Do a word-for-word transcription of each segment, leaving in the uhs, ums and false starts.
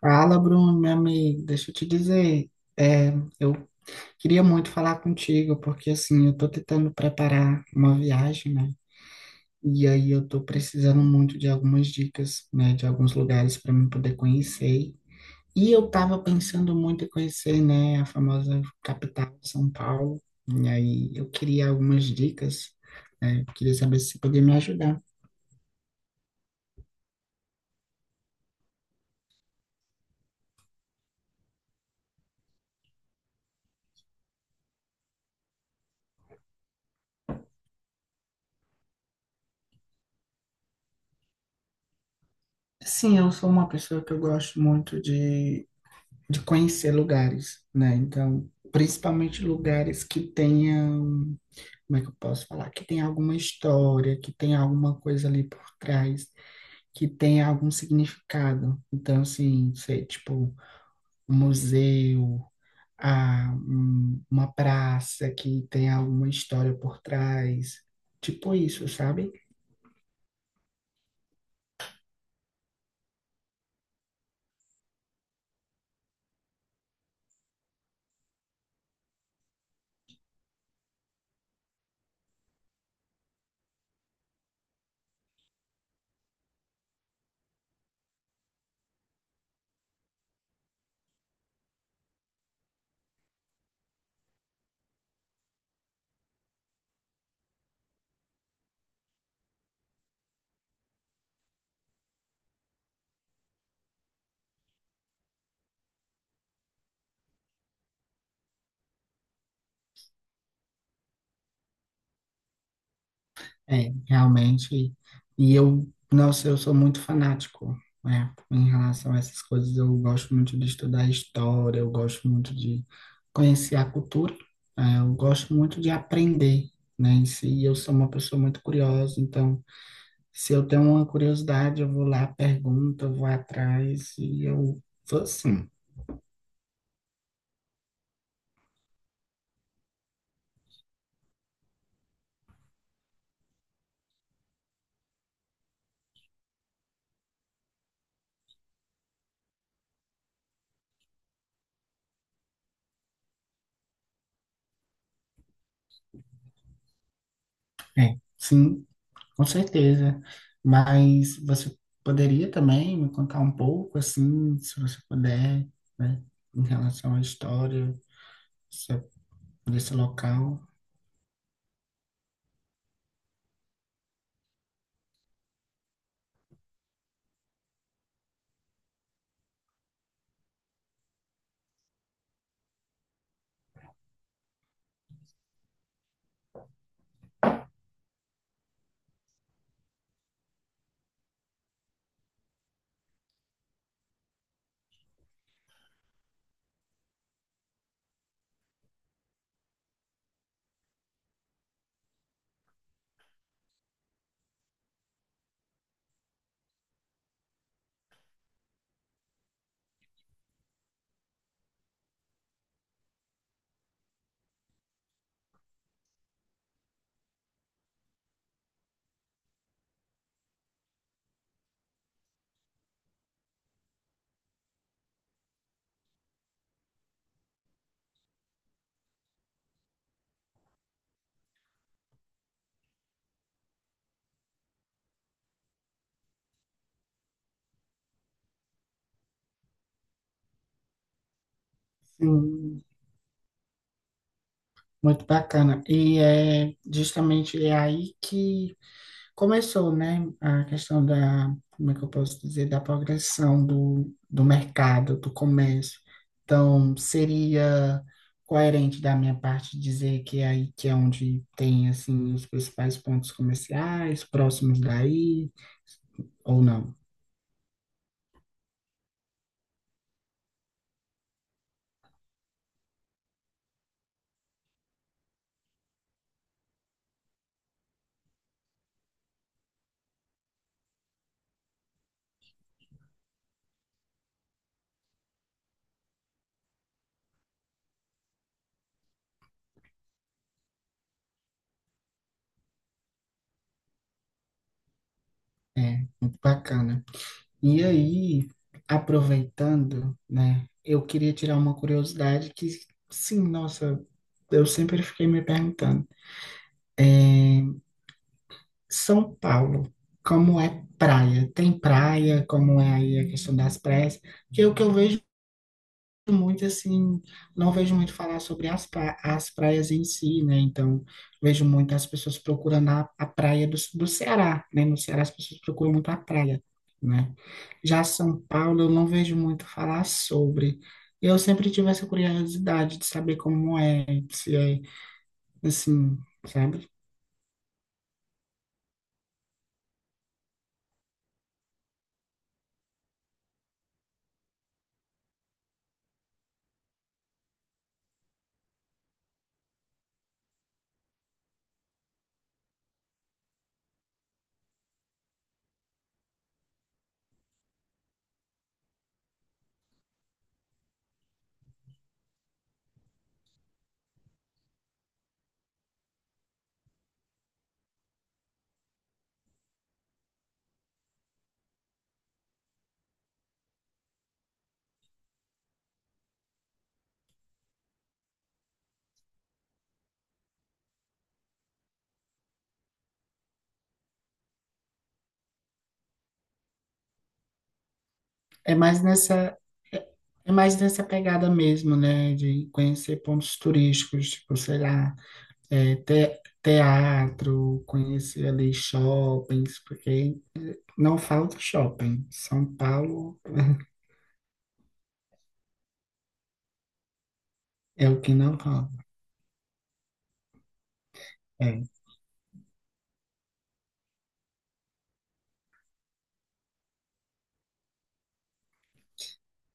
Fala, Bruno, meu amigo, deixa eu te dizer, é, eu queria muito falar contigo, porque assim, eu tô tentando preparar uma viagem, né? E aí eu tô precisando muito de algumas dicas, né, de alguns lugares para mim poder conhecer. E eu tava pensando muito em conhecer, né, a famosa capital, São Paulo. E aí eu queria algumas dicas, né? Eu queria saber se você podia me ajudar. Sim, eu sou uma pessoa que eu gosto muito de de conhecer lugares, né? Então, principalmente lugares que tenham, como é que eu posso falar? Que tenha alguma história, que tenha alguma coisa ali por trás, que tenha algum significado. Então, assim, sei, tipo, um museu, ah, um- uma praça que tenha alguma história por trás. Tipo isso, sabe? É, realmente. E eu, nossa, eu sou muito fanático, né, em relação a essas coisas. Eu gosto muito de estudar história, eu gosto muito de conhecer a cultura, né, eu gosto muito de aprender, né, em si. E Eu sou uma pessoa muito curiosa, então, se eu tenho uma curiosidade, eu vou lá, pergunto, eu vou atrás, e eu sou assim. É, sim, com certeza. Mas você poderia também me contar um pouco, assim, se você puder, né, em relação à história se- desse local? Sim, muito bacana. E é justamente é aí que começou, né, a questão da, como é que eu posso dizer, da progressão do, do mercado, do comércio. Então, seria coerente da minha parte dizer que é aí que é onde tem, assim, os principais pontos comerciais, próximos daí, ou não. É, muito bacana. E aí, aproveitando, né, eu queria tirar uma curiosidade que, sim, nossa, eu sempre fiquei me perguntando. É, São Paulo, como é praia? Tem praia, como é aí a questão das praias? Que é o que eu vejo muito, assim, não vejo muito falar sobre as, pra- as praias em si, né? Então, vejo muito as pessoas procurando a, a praia do, do Ceará, né? No Ceará as pessoas procuram muito a praia, né? Já São Paulo eu não vejo muito falar sobre. Eu sempre tive essa curiosidade de saber como é, se é, assim, sabe? É mais nessa, é mais nessa pegada mesmo, né? De conhecer pontos turísticos, tipo, sei lá, é, te- teatro, conhecer ali shoppings, porque não falta shopping. São Paulo é o que não falta. É.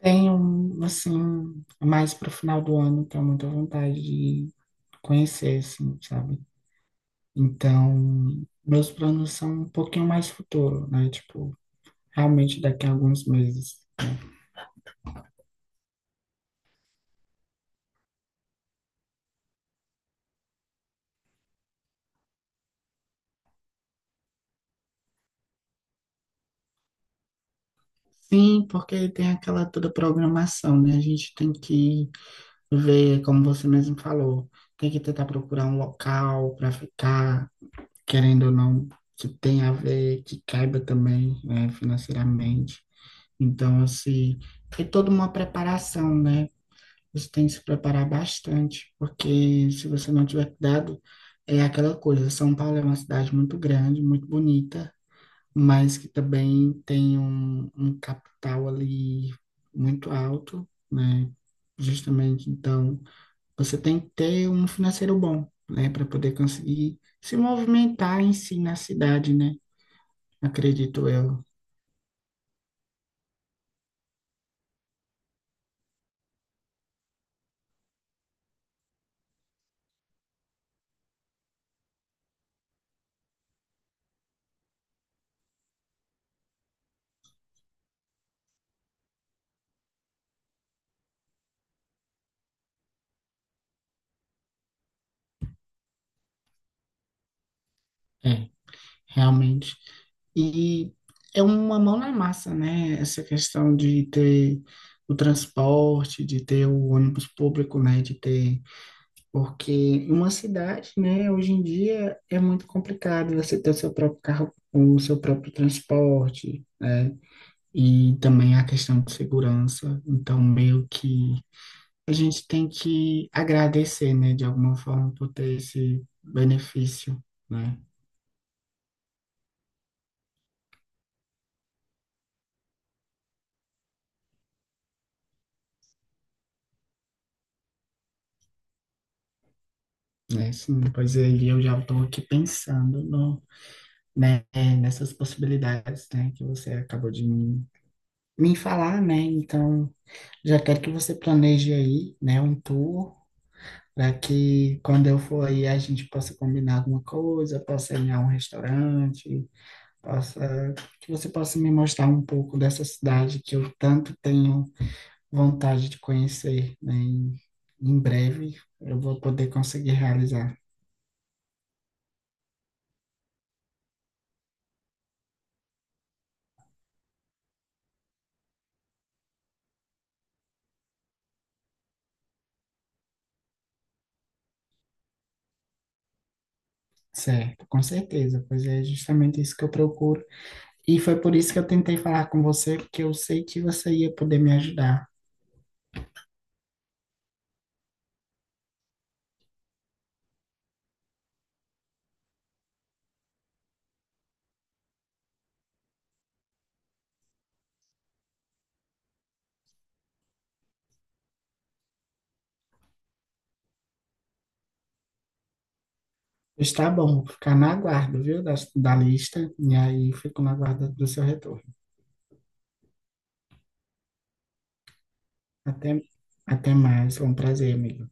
Tenho, assim, mais para o final do ano, tenho muita vontade de conhecer, assim, sabe? Então, meus planos são um pouquinho mais futuro, né? Tipo, realmente daqui a alguns meses. Sim, porque tem aquela toda programação, né? A gente tem que ver, como você mesmo falou, tem que tentar procurar um local para ficar, querendo ou não, que tenha a ver, que caiba também, né, financeiramente. Então, assim, é toda uma preparação, né? Você tem que se preparar bastante, porque se você não tiver cuidado, é aquela coisa. São Paulo é uma cidade muito grande, muito bonita, mas que também tem um, um capital ali muito alto, né? Justamente, então, você tem que ter um financeiro bom, né, para poder conseguir se movimentar em si na cidade, né? Acredito eu, é, realmente. E é uma mão na massa, né? Essa questão de ter o transporte, de ter o ônibus público, né? De ter porque uma cidade, né, hoje em dia é muito complicado você ter o seu próprio carro, o seu próprio transporte, né? E também a questão de segurança. Então, meio que a gente tem que agradecer, né, de alguma forma por ter esse benefício, né? Né, sim, pois aí eu já estou aqui pensando no, né, nessas possibilidades, né, que você acabou de me, me falar, né? Então, já quero que você planeje aí, né, um tour para que quando eu for aí a gente possa combinar alguma coisa, possa ir a um restaurante, possa que você possa me mostrar um pouco dessa cidade que eu tanto tenho vontade de conhecer, né? E em breve eu vou poder conseguir realizar. Certo, com certeza, pois é justamente isso que eu procuro. E foi por isso que eu tentei falar com você, porque eu sei que você ia poder me ajudar. Está bom, vou ficar na guarda, viu, da, da lista, e aí fico na guarda do seu retorno. Até, Até mais. Foi um prazer, amigo.